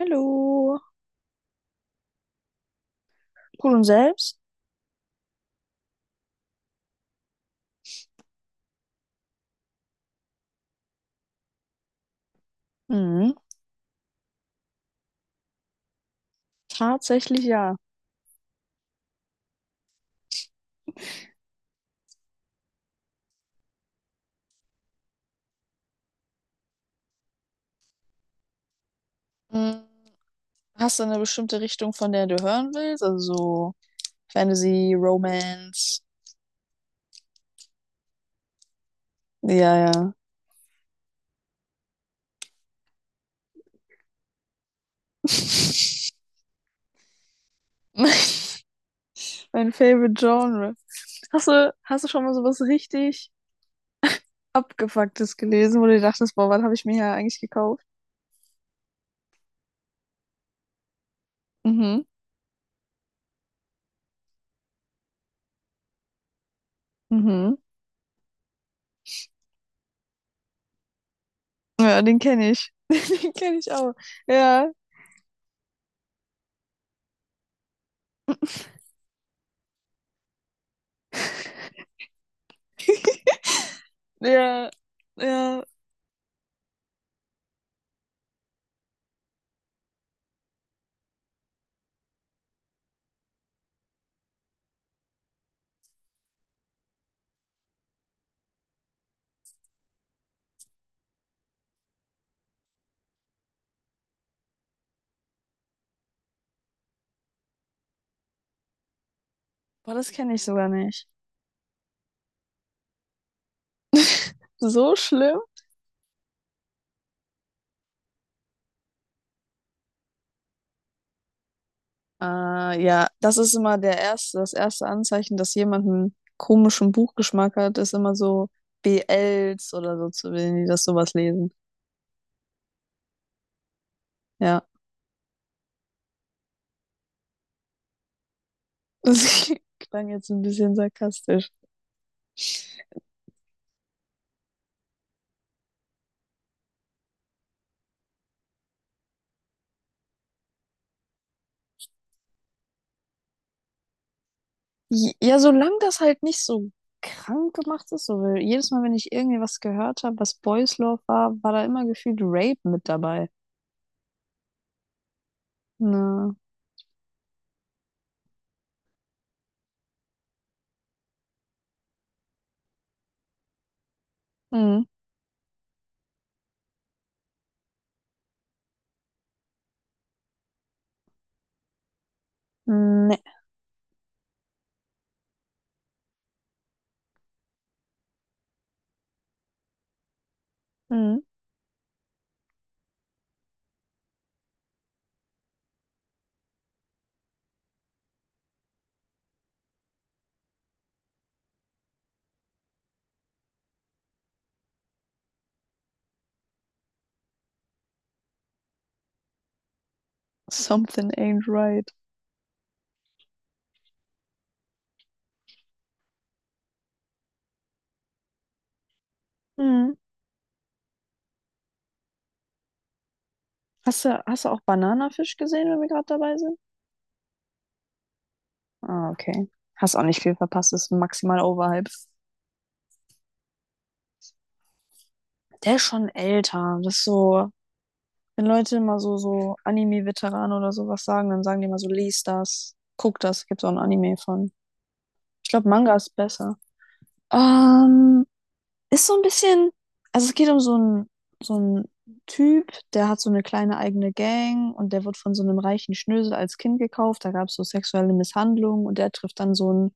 Hallo. Gut und selbst? Mhm. Tatsächlich ja. Mm, Hast du eine bestimmte Richtung, von der du hören willst? Also so Fantasy, Romance. Ja, ja. Mein Favorite Genre. Hast du schon mal sowas richtig Abgefucktes gelesen, wo du dir dachtest, boah, was habe ich mir hier eigentlich gekauft? Mhm. Mhm. Ja, den kenne ich. Den kenne ich auch. Ja, ja, ja. Boah, das kenne ich sogar nicht. So schlimm? Ja, das ist immer das erste Anzeichen, dass jemand einen komischen Buchgeschmack hat, ist immer so BLs oder so, zu- wenn die das sowas lesen. Ja, das klang jetzt ein bisschen sarkastisch. Ja, solange das halt nicht so krank gemacht ist, so weil jedes Mal, wenn ich irgendwie was gehört habe, was Boys Love war, war da immer gefühlt Rape mit dabei. Na, mm, ne, mm, something ain't right. Mm. Hast du auch Bananafisch gesehen, wenn wir gerade dabei sind? Ah, okay. Hast auch nicht viel verpasst, ist maximal overhyped. Der ist schon älter. Das ist so, wenn Leute immer so, so Anime-Veteranen oder sowas sagen, dann sagen die immer so, lies das, guck das, gibt's auch ein Anime von. Ich glaube, Manga ist besser. Ähm, ist so ein bisschen, also es geht um so einen Typ, der hat so eine kleine eigene Gang und der wird von so einem reichen Schnösel als Kind gekauft. Da gab es so sexuelle Misshandlungen und der trifft dann so einen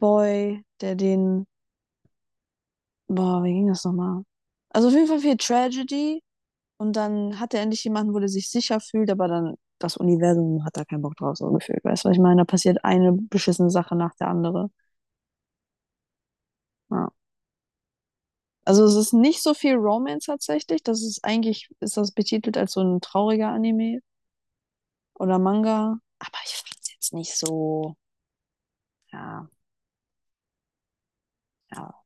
Boy, der den. Boah, wie ging das nochmal? Also auf jeden Fall viel Tragedy und dann hat er endlich jemanden, wo er sich sicher fühlt, aber dann das Universum hat da keinen Bock drauf, so gefühlt. Weißt du, was ich meine? Da passiert eine beschissene Sache nach der andere. Ja. Also es ist nicht so viel Romance tatsächlich. Das ist eigentlich, ist das betitelt als so ein trauriger Anime oder Manga. Aber ich fand es jetzt nicht so, ja, ja.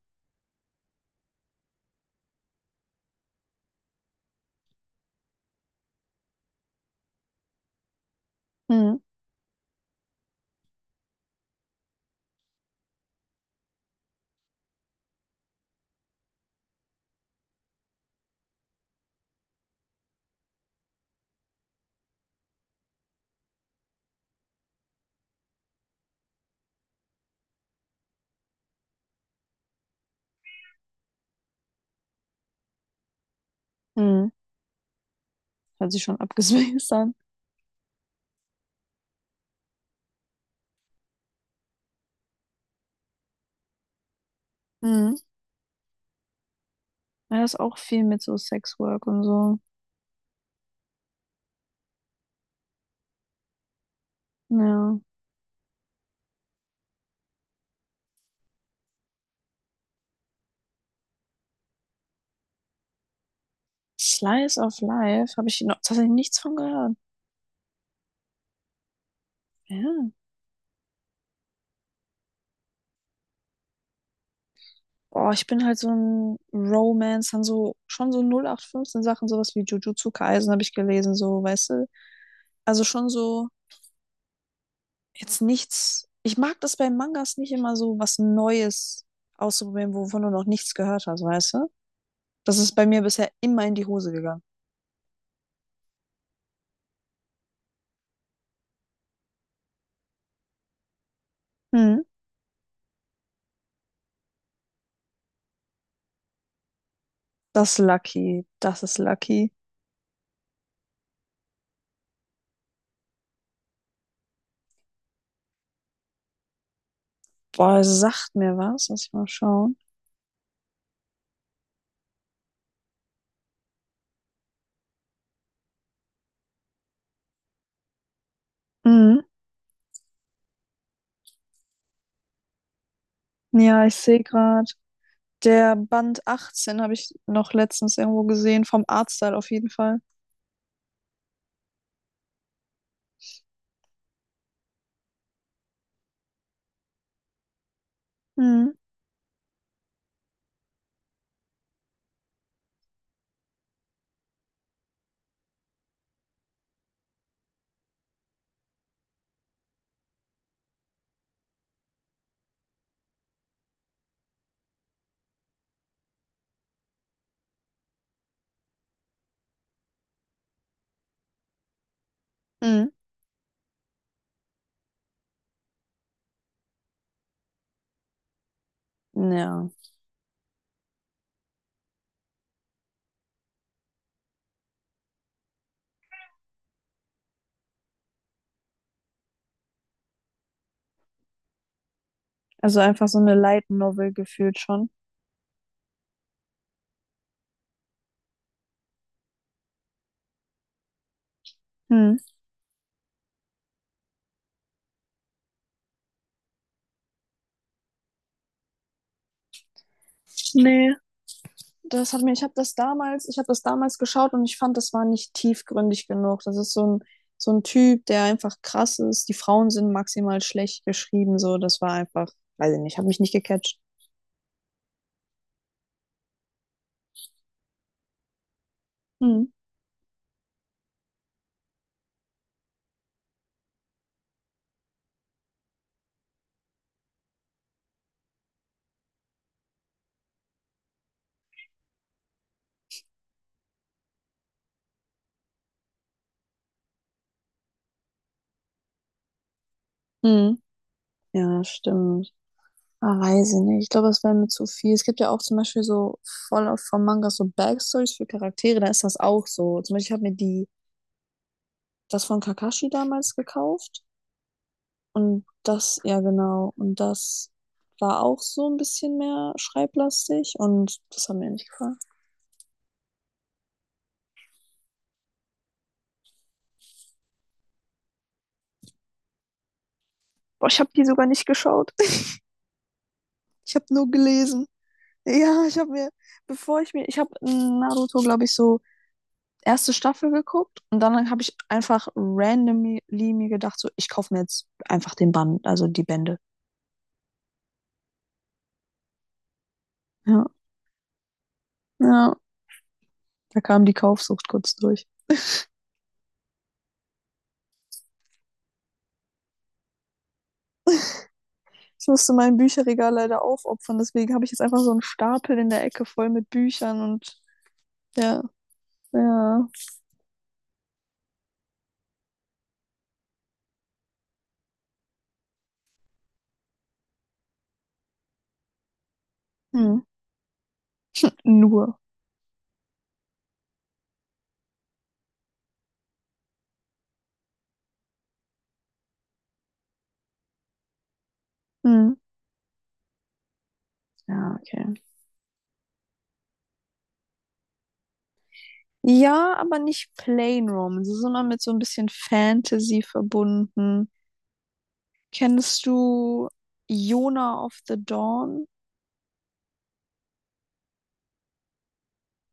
Mhm. Mhm. Hört sich schon abgespaced an. Mhm. Ja, das ist auch viel mit so Sexwork und so. Ja. Slice of Life habe ich noch tatsächlich nichts von gehört. Ja. Boah, ich bin halt so ein Romance, dann so schon so 08/15 Sachen, sowas wie Jujutsu Kaisen habe ich gelesen, so, weißt du? Also schon so jetzt nichts. Ich mag das bei Mangas nicht immer so was Neues auszuprobieren, wovon du noch nichts gehört hast, weißt du? Das ist bei mir bisher immer in die Hose gegangen. Hm. Das ist Lucky, das ist Lucky. Boah, es sagt mir was, lass ich mal schauen. Mhm. Ja, ich sehe gerade. Der Band 18 habe ich noch letztens irgendwo gesehen, vom Artstyle auf jeden Fall. Hm. Hm. Ja. Also einfach so eine Light Novel gefühlt schon. Hm. Nee, das hat mir, ich habe das damals geschaut und ich fand, das war nicht tiefgründig genug. Das ist so ein Typ, der einfach krass ist. Die Frauen sind maximal schlecht geschrieben, so. Das war einfach, weiß ich nicht, habe mich nicht gecatcht. Hm. Hm. Ja, stimmt. Ah, weiß ich nicht. Ich glaube, das wäre mir zu viel. Es gibt ja auch zum Beispiel so voll oft von Mangas so Backstories für Charaktere, da ist das auch so. Zum Beispiel, ich habe mir die, das von Kakashi damals gekauft. Und das, ja genau, und das war auch so ein bisschen mehr schreiblastig und das hat mir nicht gefallen. Boah, ich habe die sogar nicht geschaut. Ich habe nur gelesen. Ja, ich habe mir, bevor ich mir, ich habe Naruto, glaube ich, so erste Staffel geguckt und dann habe ich einfach randomly mir gedacht, so, ich kaufe mir jetzt einfach den Band, also die Bände. Ja, ja, da kam die Kaufsucht kurz durch. Ich musste mein Bücherregal leider aufopfern, deswegen habe ich jetzt einfach so einen Stapel in der Ecke voll mit Büchern und ja, ja, hm. Nur. Hm. Ja, okay. Ja, aber nicht Plain Romance, sondern mit so ein bisschen Fantasy verbunden. Kennst du Yona of the Dawn?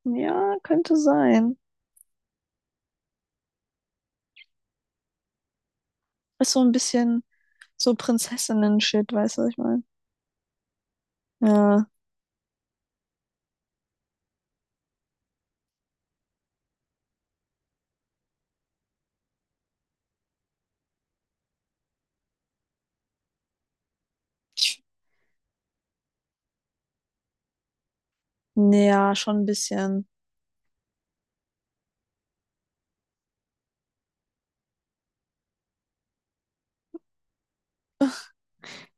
Ja, könnte sein. Ist so ein bisschen so Prinzessinnen-Shit, weißt du, was ich meine? Ja. Ich- Ja, schon ein bisschen.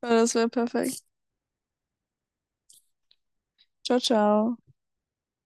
Ja, das wäre perfekt. Ciao, ciao.